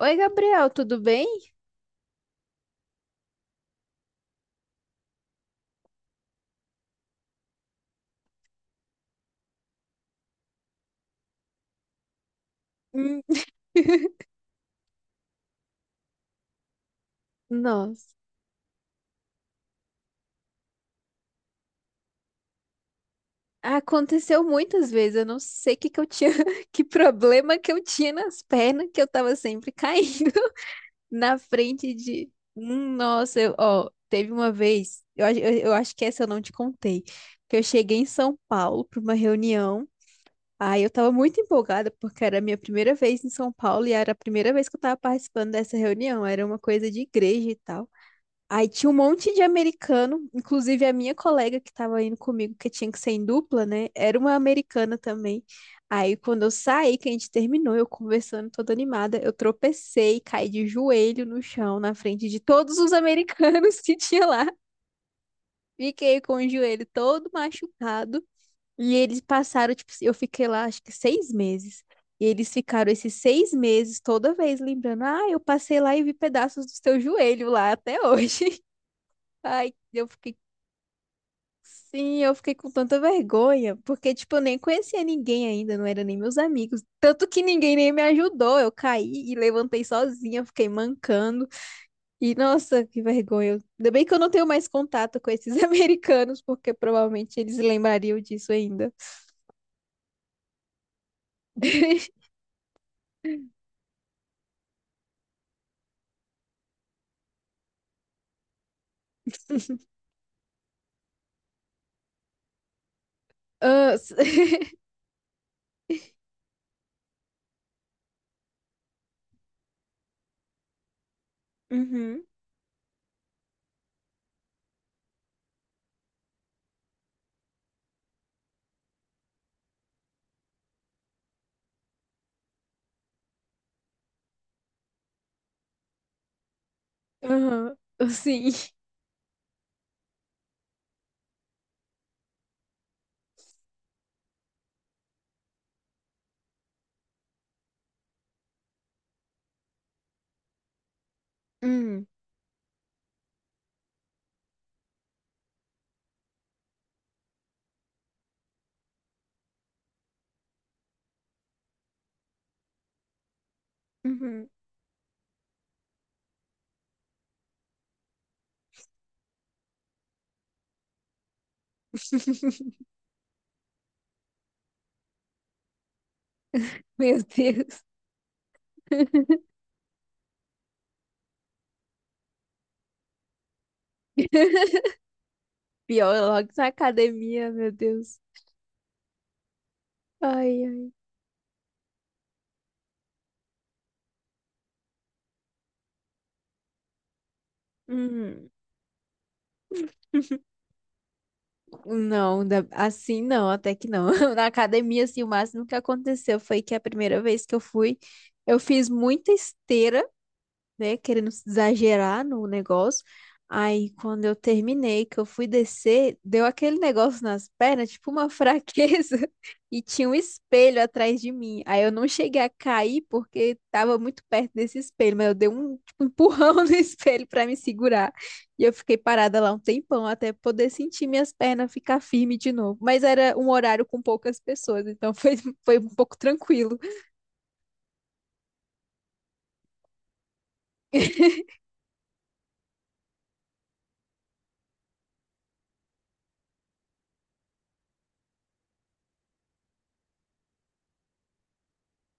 Oi, Gabriel, tudo bem? Hum. Nossa, aconteceu muitas vezes. Eu não sei o que que eu tinha, que problema que eu tinha nas pernas, que eu tava sempre caindo na frente de. Nossa, ó, teve uma vez, eu acho que essa eu não te contei, que eu cheguei em São Paulo para uma reunião. Aí eu tava muito empolgada, porque era a minha primeira vez em São Paulo e era a primeira vez que eu tava participando dessa reunião. Era uma coisa de igreja e tal. Aí tinha um monte de americano, inclusive a minha colega que estava indo comigo, que tinha que ser em dupla, né? Era uma americana também. Aí quando eu saí, que a gente terminou, eu conversando toda animada, eu tropecei, caí de joelho no chão, na frente de todos os americanos que tinha lá. Fiquei com o joelho todo machucado. E eles passaram, tipo, eu fiquei lá acho que 6 meses. E eles ficaram esses 6 meses toda vez lembrando: ah, eu passei lá e vi pedaços do seu joelho lá até hoje. Ai, eu fiquei. Sim, eu fiquei com tanta vergonha, porque, tipo, eu nem conhecia ninguém ainda, não eram nem meus amigos. Tanto que ninguém nem me ajudou. Eu caí e levantei sozinha, fiquei mancando. E, nossa, que vergonha. Ainda bem que eu não tenho mais contato com esses americanos, porque provavelmente eles lembrariam disso ainda. Ah, Uhum, aham, sim. Hum, uhum. Meu Deus. Pior, logo na academia, meu Deus. Ai, ai. Hum. Não, assim não, até que não. Na academia, assim, o máximo que aconteceu foi que a primeira vez que eu fui, eu fiz muita esteira, né, querendo exagerar no negócio. Aí, quando eu terminei, que eu fui descer, deu aquele negócio nas pernas, tipo uma fraqueza, e tinha um espelho atrás de mim. Aí eu não cheguei a cair porque tava muito perto desse espelho, mas eu dei um, tipo, um empurrão no espelho para me segurar. E eu fiquei parada lá um tempão até poder sentir minhas pernas ficar firme de novo. Mas era um horário com poucas pessoas, então foi, foi um pouco tranquilo.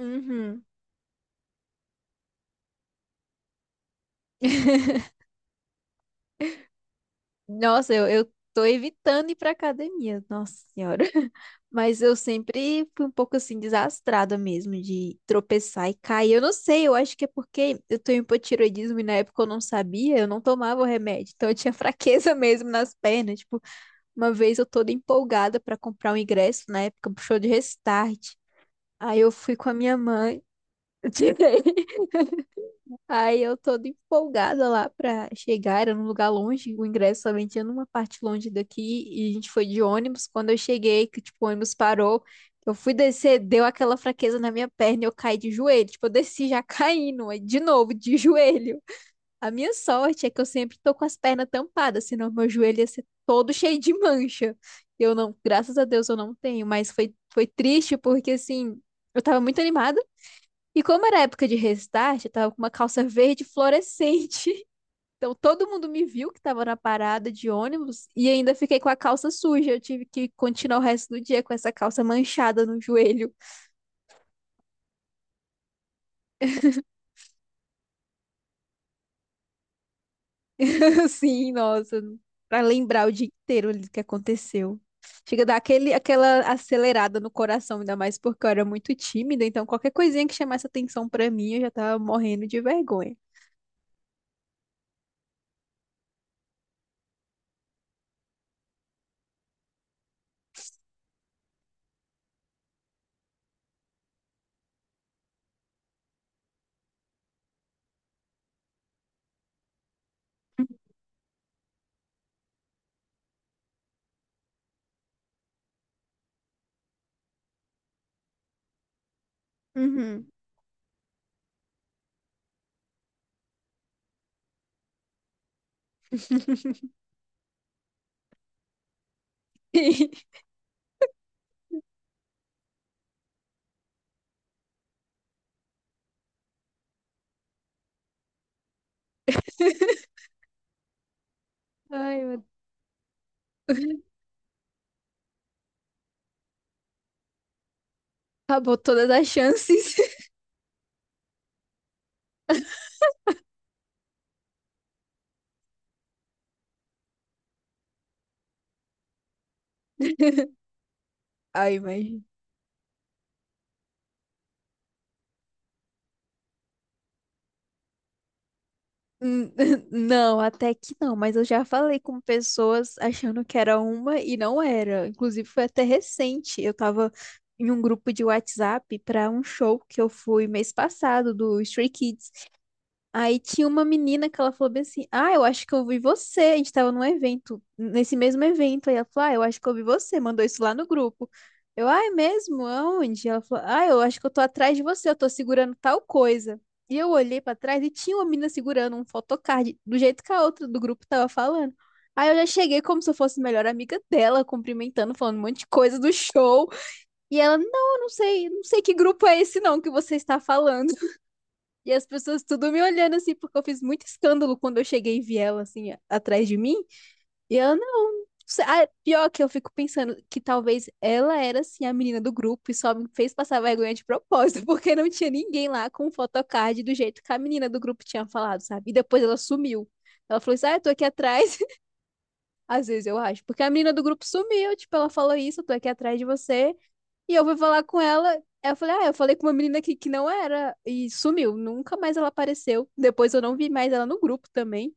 Uhum. Nossa, eu tô evitando ir pra academia, nossa senhora. Mas eu sempre fui um pouco assim desastrada mesmo de tropeçar e cair. Eu não sei, eu acho que é porque eu tenho hipotireoidismo e na época eu não sabia, eu não tomava o remédio. Então eu tinha fraqueza mesmo nas pernas. Tipo, uma vez eu toda empolgada pra comprar um ingresso, na época pro show de Restart. Aí eu fui com a minha mãe, eu tirei. Aí eu toda empolgada lá pra chegar, era num lugar longe, o ingresso também tinha numa parte longe daqui, e a gente foi de ônibus. Quando eu cheguei, que tipo, o ônibus parou, eu fui descer, deu aquela fraqueza na minha perna e eu caí de joelho. Tipo, eu desci já caindo, aí de novo, de joelho. A minha sorte é que eu sempre tô com as pernas tampadas, senão meu joelho ia ser todo cheio de mancha. Eu não, graças a Deus eu não tenho, mas foi, foi triste porque assim, eu tava muito animada. E como era época de restart, eu tava com uma calça verde fluorescente. Então todo mundo me viu que tava na parada de ônibus e ainda fiquei com a calça suja. Eu tive que continuar o resto do dia com essa calça manchada no joelho. Assim, nossa, pra lembrar o dia inteiro ali do que aconteceu. Chega a dar aquele, aquela acelerada no coração, ainda mais porque eu era muito tímida, então qualquer coisinha que chamasse atenção pra mim, eu já tava morrendo de vergonha. Uhum. Ai, meu Deus. Acabou todas as chances. Ai, mas. N- Não, até que não, mas eu já falei com pessoas achando que era uma e não era. Inclusive, foi até recente. Eu tava em um grupo de WhatsApp para um show que eu fui mês passado do Stray Kids. Aí tinha uma menina que ela falou bem assim: Ah, eu acho que eu vi você. A gente tava num evento, nesse mesmo evento. Aí ela falou: Ah, eu acho que eu vi você. Mandou isso lá no grupo. Eu, ah, é mesmo? Aonde? Ela falou: Ah, eu acho que eu tô atrás de você. Eu tô segurando tal coisa. E eu olhei pra trás e tinha uma menina segurando um photocard, do jeito que a outra do grupo tava falando. Aí eu já cheguei como se eu fosse a melhor amiga dela, cumprimentando, falando um monte de coisa do show. E ela: Não, eu não sei, não sei que grupo é esse não que você está falando. E as pessoas tudo me olhando assim, porque eu fiz muito escândalo quando eu cheguei e vi ela assim, atrás de mim. E ela, não. Ah, pior que eu fico pensando que talvez ela era assim a menina do grupo e só me fez passar vergonha de propósito, porque não tinha ninguém lá com photocard do jeito que a menina do grupo tinha falado, sabe? E depois ela sumiu. Ela falou assim: Ah, eu tô aqui atrás. Às vezes eu acho, porque a menina do grupo sumiu, tipo, ela falou isso, eu tô aqui atrás de você. E eu fui falar com ela. Eu falei, ah, eu falei com uma menina aqui que não era e sumiu. Nunca mais ela apareceu. Depois eu não vi mais ela no grupo também.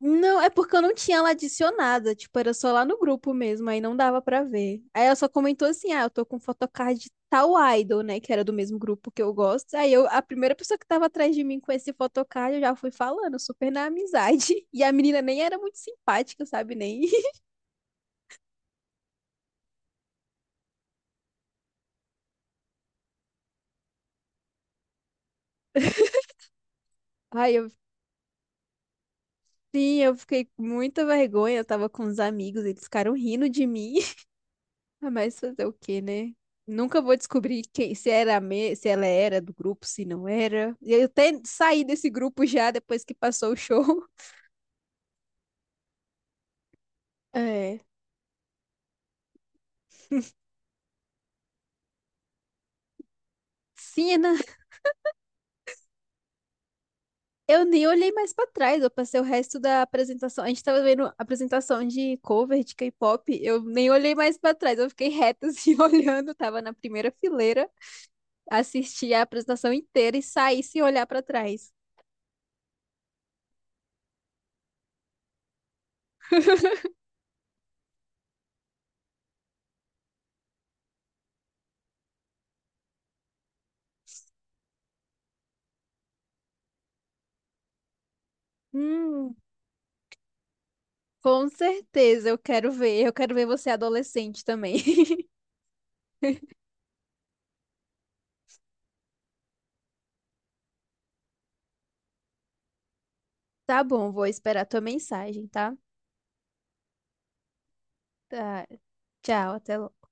Não, é porque eu não tinha ela adicionada, tipo, era só lá no grupo mesmo, aí não dava pra ver. Aí ela só comentou assim: "Ah, eu tô com photocard de tal idol, né, que era do mesmo grupo que eu gosto". Aí eu, a primeira pessoa que tava atrás de mim com esse photocard, eu já fui falando, super na amizade. E a menina nem era muito simpática, sabe, nem. Aí eu Sim, eu fiquei com muita vergonha. Eu tava com uns amigos, eles ficaram rindo de mim. Ah, mas fazer o quê, né? Nunca vou descobrir quem, se era se ela era do grupo, se não era. E eu até saí desse grupo já depois que passou o show. É. Sim, Ana, eu nem olhei mais pra trás. Eu passei o resto da apresentação. A gente tava vendo a apresentação de cover de K-pop. Eu nem olhei mais pra trás. Eu fiquei reta assim, olhando. Tava na primeira fileira, assisti a apresentação inteira e saí sem olhar pra trás. Hum, Com certeza, eu quero ver. Eu quero ver você adolescente também. Tá bom, vou esperar tua mensagem, tá? Tá, tchau, até logo.